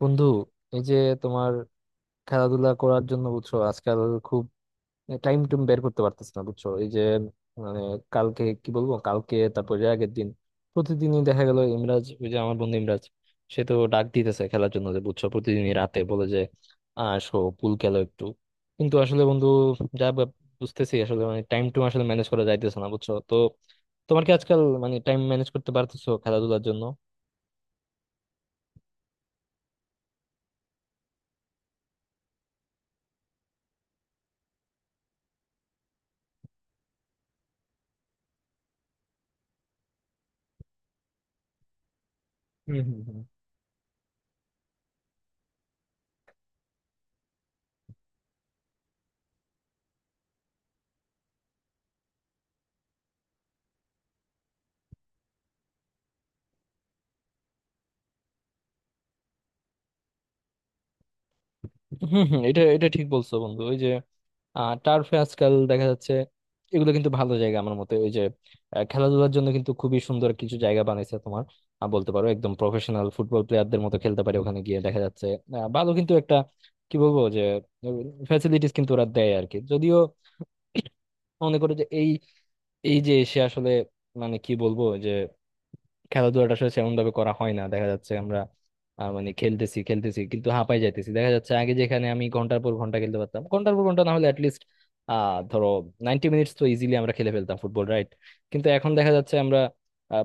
বন্ধু, এই যে তোমার খেলাধুলা করার জন্য বুঝছো আজকাল খুব টাইম টুম বের করতে পারতেছি না, বুঝছো? এই যে মানে কালকে কি বলবো, কালকে তারপর এর আগের দিন প্রতিদিনই দেখা গেল ইমরাজ, ওই যে আমার বন্ধু ইমরাজ, সে তো ডাক দিতেছে খেলার জন্য যে, বুঝছো? প্রতিদিনই রাতে বলে যে, "আসো পুল খেলো একটু।" কিন্তু আসলে বন্ধু যা ভাব- বুঝতেছি আসলে মানে টাইম টুম আসলে ম্যানেজ করা যাইতেছে না, বুঝছো? তো তোমার কি আজকাল মানে টাইম ম্যানেজ করতে পারতেছো খেলাধুলার জন্য? হম হম, এটা এটা ঠিক বলছো বন্ধু। ওই যে টার্ফে আজকাল দেখা যাচ্ছে, এগুলো কিন্তু ভালো জায়গা আমার মতে। ওই যে খেলাধুলার জন্য কিন্তু খুবই সুন্দর কিছু জায়গা বানাইছে তোমার। বলতে পারো একদম প্রফেশনাল ফুটবল প্লেয়ারদের মতো খেলতে পারে ওখানে গিয়ে দেখা যাচ্ছে। ভালো কিন্তু একটা, কি বলবো যে, ফ্যাসিলিটিস কিন্তু ওরা দেয় আর কি। যদিও মনে করো যে এই, এই যে সে আসলে মানে কি বলবো যে খেলাধুলাটা আসলে সেমন ভাবে করা হয় না দেখা যাচ্ছে আমরা। মানে খেলতেছি খেলতেছি কিন্তু হাঁপাই যাইতেছি দেখা যাচ্ছে। আগে যেখানে আমি ঘন্টার পর ঘন্টা খেলতে পারতাম, ঘন্টার পর ঘন্টা না হলে অ্যাটলিস্ট ধরো 90 মিনিটস তো ইজিলি আমরা খেলে ফেলতাম ফুটবল, রাইট? কিন্তু এখন দেখা যাচ্ছে আমরা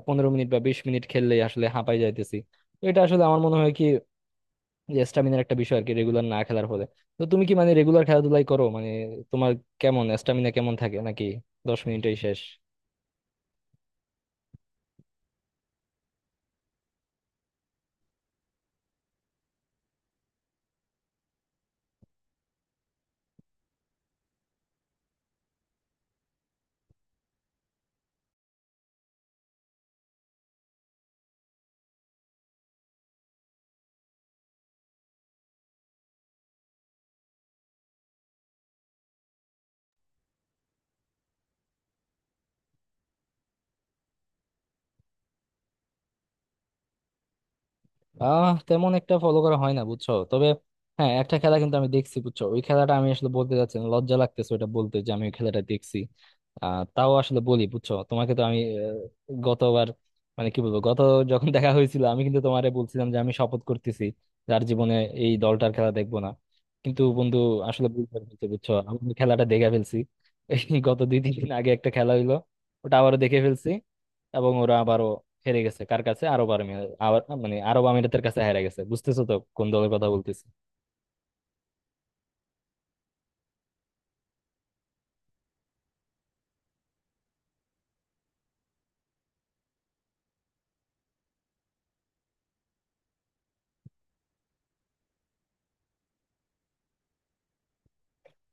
15 মিনিট বা 20 মিনিট খেললেই আসলে হাঁপাই যাইতেছি। তো এটা আসলে আমার মনে হয় কি, যে স্টামিনার একটা বিষয় আর কি, রেগুলার না খেলার ফলে। তো তুমি কি মানে রেগুলার খেলাধুলাই করো? মানে তোমার কেমন স্টামিনা কেমন থাকে, নাকি 10 মিনিটেই শেষ? তেমন একটা ফলো করা হয় না, বুঝছো। তবে হ্যাঁ, একটা খেলা কিন্তু আমি দেখছি, বুঝছো। ওই খেলাটা আমি আসলে বলতে যাচ্ছি না, লজ্জা লাগতেছে ওটা বলতে যে আমি ওই খেলাটা দেখছি। তাও আসলে বলি বুঝছো, তোমাকে তো আমি। আহ, গতবার মানে কি বলবো গত যখন দেখা হয়েছিল আমি কিন্তু তোমারে বলছিলাম যে আমি শপথ করতেছি যার জীবনে এই দলটার খেলা দেখবো না। কিন্তু বন্ধু আসলে ভুল করে ফেলছি, বুঝছো। আমি ওই খেলাটা দেখে ফেলছি এই গত 2-3 দিন আগে। একটা খেলা হইলো, ওটা আবারও দেখে ফেলছি এবং ওরা আবারও হেরে গেছে। কার কাছে? আরব আমিরাত। আবার মানে আরব আমিরাতের কাছে হেরে গেছে। বুঝতেছো তো কোন দলের কথা বলতেছি?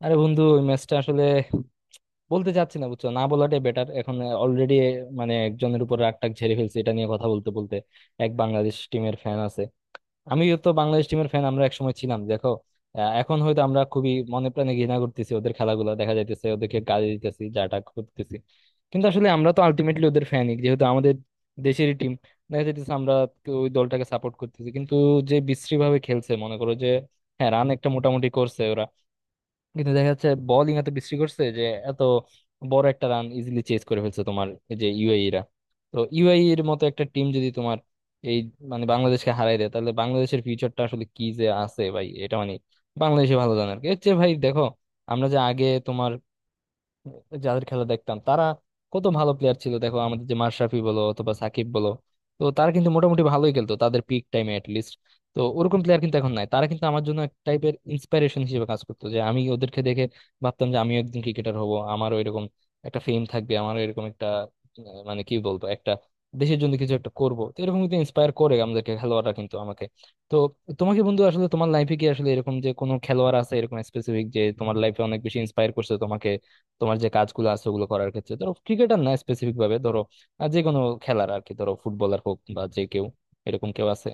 আরে বন্ধু ওই ম্যাচটা আসলে বলতে চাচ্ছি না, বুঝছো। না বলাটাই বেটার এখন। অলরেডি মানে একজনের উপর রাগ টাগ ঝেড়ে ফেলছে এটা নিয়ে কথা বলতে বলতে। এক বাংলাদেশ টিমের ফ্যান আছে, আমিও তো বাংলাদেশ টিমের ফ্যান, আমরা একসময় ছিলাম দেখো। এখন হয়তো আমরা খুবই মনে প্রাণে ঘৃণা করতেছি ওদের, খেলাগুলো দেখা যাইতেছে ওদেরকে গালি দিতেছি যাটা করতেছি। কিন্তু আসলে আমরা তো আলটিমেটলি ওদের ফ্যানই, যেহেতু আমাদের দেশেরই টিম। দেখা যাইতেছে আমরা তো ওই দলটাকে সাপোর্ট করতেছি, কিন্তু যে বিশ্রী ভাবে খেলছে মনে করো যে, হ্যাঁ রান একটা মোটামুটি করছে ওরা কিন্তু দেখা যাচ্ছে বোলিং এত বিশ্রী করছে যে এত বড় একটা রান ইজিলি চেজ করে ফেলছে তোমার এই যে ইউএই রা। তো ইউএই এর মতো একটা টিম যদি তোমার এই মানে বাংলাদেশকে হারাই দেয়, তাহলে বাংলাদেশের ফিউচারটা আসলে কি যে আছে ভাই, এটা মানে বাংলাদেশে ভালো জানার কি হচ্ছে ভাই দেখো। আমরা যে আগে তোমার যাদের খেলা দেখতাম তারা কত ভালো প্লেয়ার ছিল দেখো, আমাদের যে মাশরাফি বলো অথবা সাকিব বলো, তো তারা কিন্তু মোটামুটি ভালোই খেলতো তাদের পিক টাইমে লিস্ট। তো ওরকম প্লেয়ার কিন্তু এখন নাই। তারা কিন্তু আমার জন্য এক টাইপের ইন্সপিরেশন হিসেবে কাজ করতো, যে আমি ওদেরকে দেখে ভাবতাম যে আমিও একদিন ক্রিকেটার হব, আমারও এরকম একটা ফেম থাকবে, আমারও এরকম একটা, মানে কি বলবো, একটা দেশের জন্য কিছু একটা করবো। তো এরকম কিন্তু ইন্সপায়ার করে আমাদেরকে খেলোয়াড়রা কিন্তু আমাকে। তো তোমাকে বন্ধু আসলে তোমার লাইফে কি আসলে এরকম যে কোনো খেলোয়াড় আছে, এরকম স্পেসিফিক যে তোমার লাইফে অনেক বেশি ইন্সপায়ার করছে তোমাকে, তোমার যে কাজগুলো আছে ওগুলো করার ক্ষেত্রে? ধরো ক্রিকেটার না, স্পেসিফিক ভাবে ধরো যে কোনো খেলার আর কি, ধরো ফুটবলার হোক বা যে কেউ, এরকম কেউ আছে?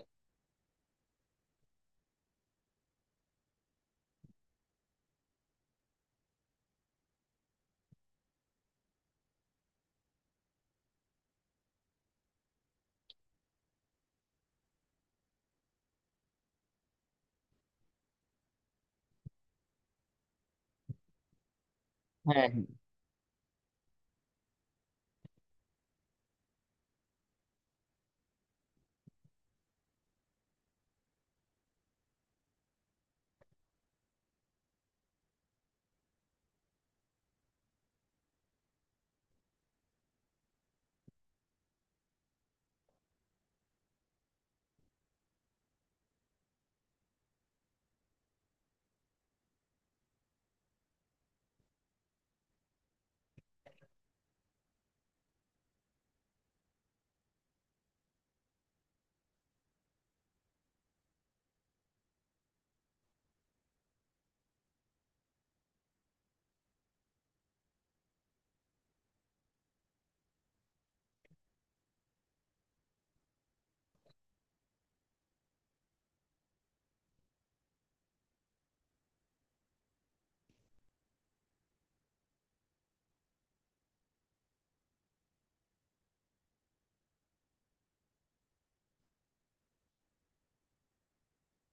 হ্যাঁ,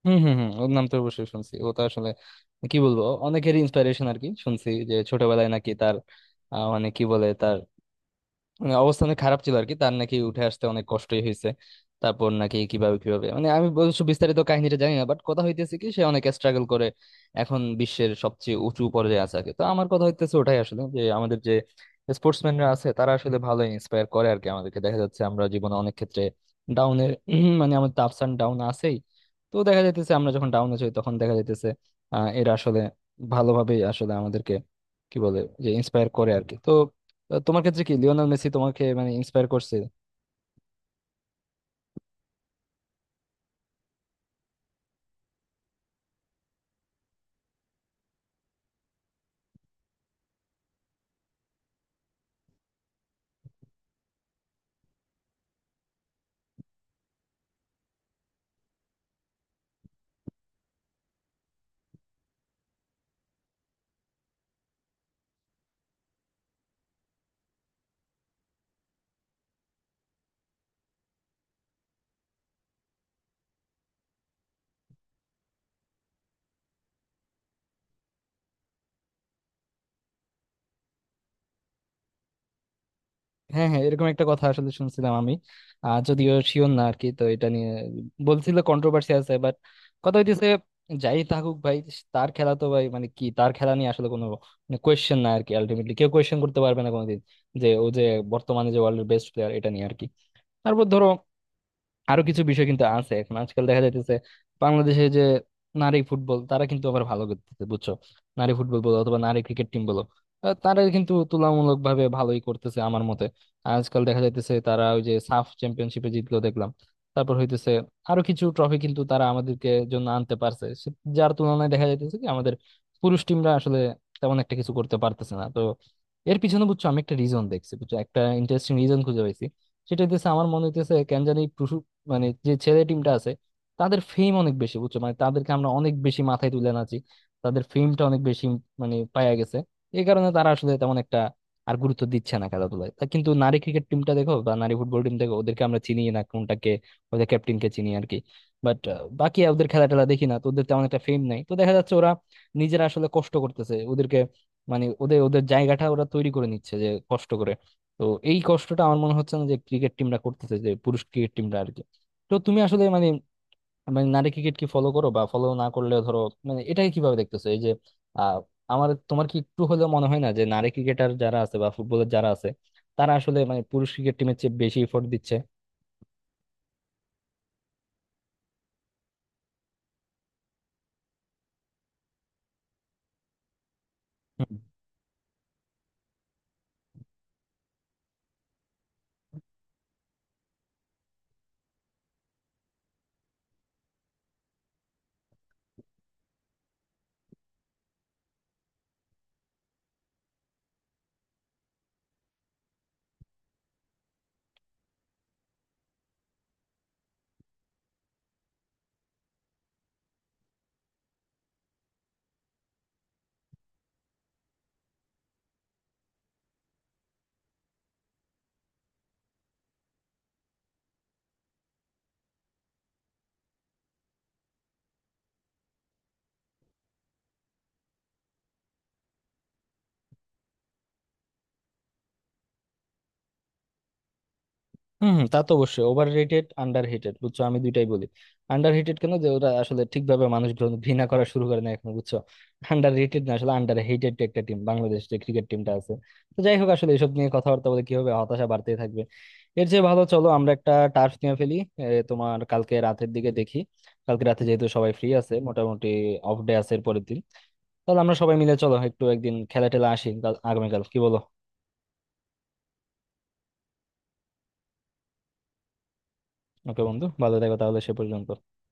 হম হম হম, ওর নাম তো অবশ্যই শুনছি। ও তো আসলে কি বলবো অনেকেরই ইন্সপিরেশন আর কি। শুনছি যে ছোটবেলায় নাকি তার, মানে কি বলে, তার মানে অবস্থা অনেক খারাপ ছিল আর কি, তার নাকি উঠে আসতে অনেক কষ্টই হয়েছে। তারপর নাকি কিভাবে কিভাবে মানে আমি অবশ্য বিস্তারিত কাহিনীটা জানি না, বাট কথা হইতেছে কি সে অনেক স্ট্রাগল করে এখন বিশ্বের সবচেয়ে উঁচু পর্যায়ে আছে আর কি। তো আমার কথা হইতেছে ওটাই আসলে, যে আমাদের যে স্পোর্টসম্যানরা আছে তারা আসলে ভালো ইন্সপায়ার করে আর কি আমাদেরকে। দেখা যাচ্ছে আমরা জীবনে অনেক ক্ষেত্রে ডাউনের মানে আমাদের আপস অ্যান্ড ডাউন আছেই। তো দেখা যাইতেছে আমরা যখন ডাউনে যাই তখন দেখা যাইতেছে এরা আসলে ভালোভাবেই আসলে আমাদেরকে কি বলে যে ইন্সপায়ার করে আর কি। তো তো তোমার ক্ষেত্রে কি লিওনেল মেসি তোমাকে মানে ইন্সপায়ার করছে? হ্যাঁ হ্যাঁ, এরকম একটা কথা আসলে শুনছিলাম আমি। যদিও শিওর না আর কি, তো এটা নিয়ে বলছিল কন্ট্রোভার্সি আছে। বাট কথা হইতেছে যাই থাকুক ভাই, তার খেলা তো ভাই মানে কি তার খেলা নিয়ে আসলে কোনো মানে কোয়েশ্চেন না আর কি। আলটিমেটলি কেউ কোয়েশ্চেন করতে পারবে না কোনোদিন যে ও যে বর্তমানে যে ওয়ার্ল্ডের বেস্ট প্লেয়ার, এটা নিয়ে আর কি। তারপর ধরো আরো কিছু বিষয় কিন্তু আছে এখন আজকাল দেখা যাইতেছে। বাংলাদেশে যে নারী ফুটবল, তারা কিন্তু আবার ভালো করতেছে, বুঝছো। নারী ফুটবল বলো অথবা নারী ক্রিকেট টিম বলো, তারা কিন্তু তুলনামূলক ভাবে ভালোই করতেছে আমার মতে। আজকাল দেখা যাইতেছে তারা ওই যে সাফ চ্যাম্পিয়নশিপে জিতলো দেখলাম। তারপর হইতেছে আরো কিছু ট্রফি কিন্তু তারা আমাদেরকে জন্য আনতে পারছে। যার তুলনায় দেখা যাইতেছে কি আমাদের পুরুষ টিমরা আসলে তেমন একটা কিছু করতে পারতেছে না। তো এর পিছনে, বুঝছো, আমি একটা রিজন দেখছি, বুঝছো, একটা ইন্টারেস্টিং রিজন খুঁজে পাইছি। সেটা হইতেছে আমার মনে হইতেছে কেন জানি মানে যে ছেলে টিমটা আছে তাদের ফেম অনেক বেশি, বুঝছো। মানে তাদেরকে আমরা অনেক বেশি মাথায় তুলে নাচি, তাদের ফেমটা অনেক বেশি, মানে পায়া গেছে। এই কারণে তারা আসলে তেমন একটা আর গুরুত্ব দিচ্ছে না খেলাধুলায়। তা কিন্তু নারী ক্রিকেট টিমটা দেখো বা নারী ফুটবল টিম দেখো, ওদেরকে আমরা চিনি না কোনটাকে, ওদের ক্যাপ্টেনকে চিনি আর কি। বাট বাকি ওদের খেলা টেলা দেখি না, তো ওদের তেমন একটা ফেম নাই, তো দেখা যাচ্ছে ওরা নিজেরা আসলে কষ্ট করতেছে। ওদেরকে মানে ওদের ওদের জায়গাটা ওরা তৈরি করে নিচ্ছে যে কষ্ট করে। তো এই কষ্টটা আমার মনে হচ্ছে না যে ক্রিকেট টিমটা করতেছে, যে পুরুষ ক্রিকেট টিমটা আর কি। তো তুমি আসলে মানে, মানে নারী ক্রিকেট কি ফলো করো বা ফলো না করলে ধরো মানে এটাকে কিভাবে দেখতেছো এই যে, আহ আমার তোমার কি একটু হলেও মনে হয় না যে নারী ক্রিকেটার যারা আছে বা ফুটবলার যারা আছে তারা আসলে মানে পুরুষ ক্রিকেট টিমের চেয়ে বেশি এফোর্ট দিচ্ছে? হম হম, তা তো অবশ্যই ওভার রেটেড, আন্ডার রেটেড, বুঝছো আমি দুইটাই বলি। আন্ডার রেটেড কেন যে ওরা আসলে ঠিকভাবে মানুষ ঘৃণা করা শুরু করে না এখন, বুঝছো। আন্ডার রেটেড না আসলে আন্ডার হেটেড একটা টিম বাংলাদেশ যে ক্রিকেট টিমটা আছে। তো যাই হোক আসলে এসব নিয়ে কথাবার্তা বলে কি হবে, হতাশা বাড়তেই থাকবে। এর চেয়ে ভালো চলো আমরা একটা টার্ফ নিয়ে ফেলি। এ, তোমার কালকে রাতের দিকে দেখি, কালকে রাতে যেহেতু সবাই ফ্রি আছে মোটামুটি, অফ ডে আছে এর পরের দিন, তাহলে আমরা সবাই মিলে চলো একটু একদিন খেলা টেলা আসি আগামীকাল, কি বলো? ওকে বন্ধু, ভালো থেকো তাহলে সে পর্যন্ত।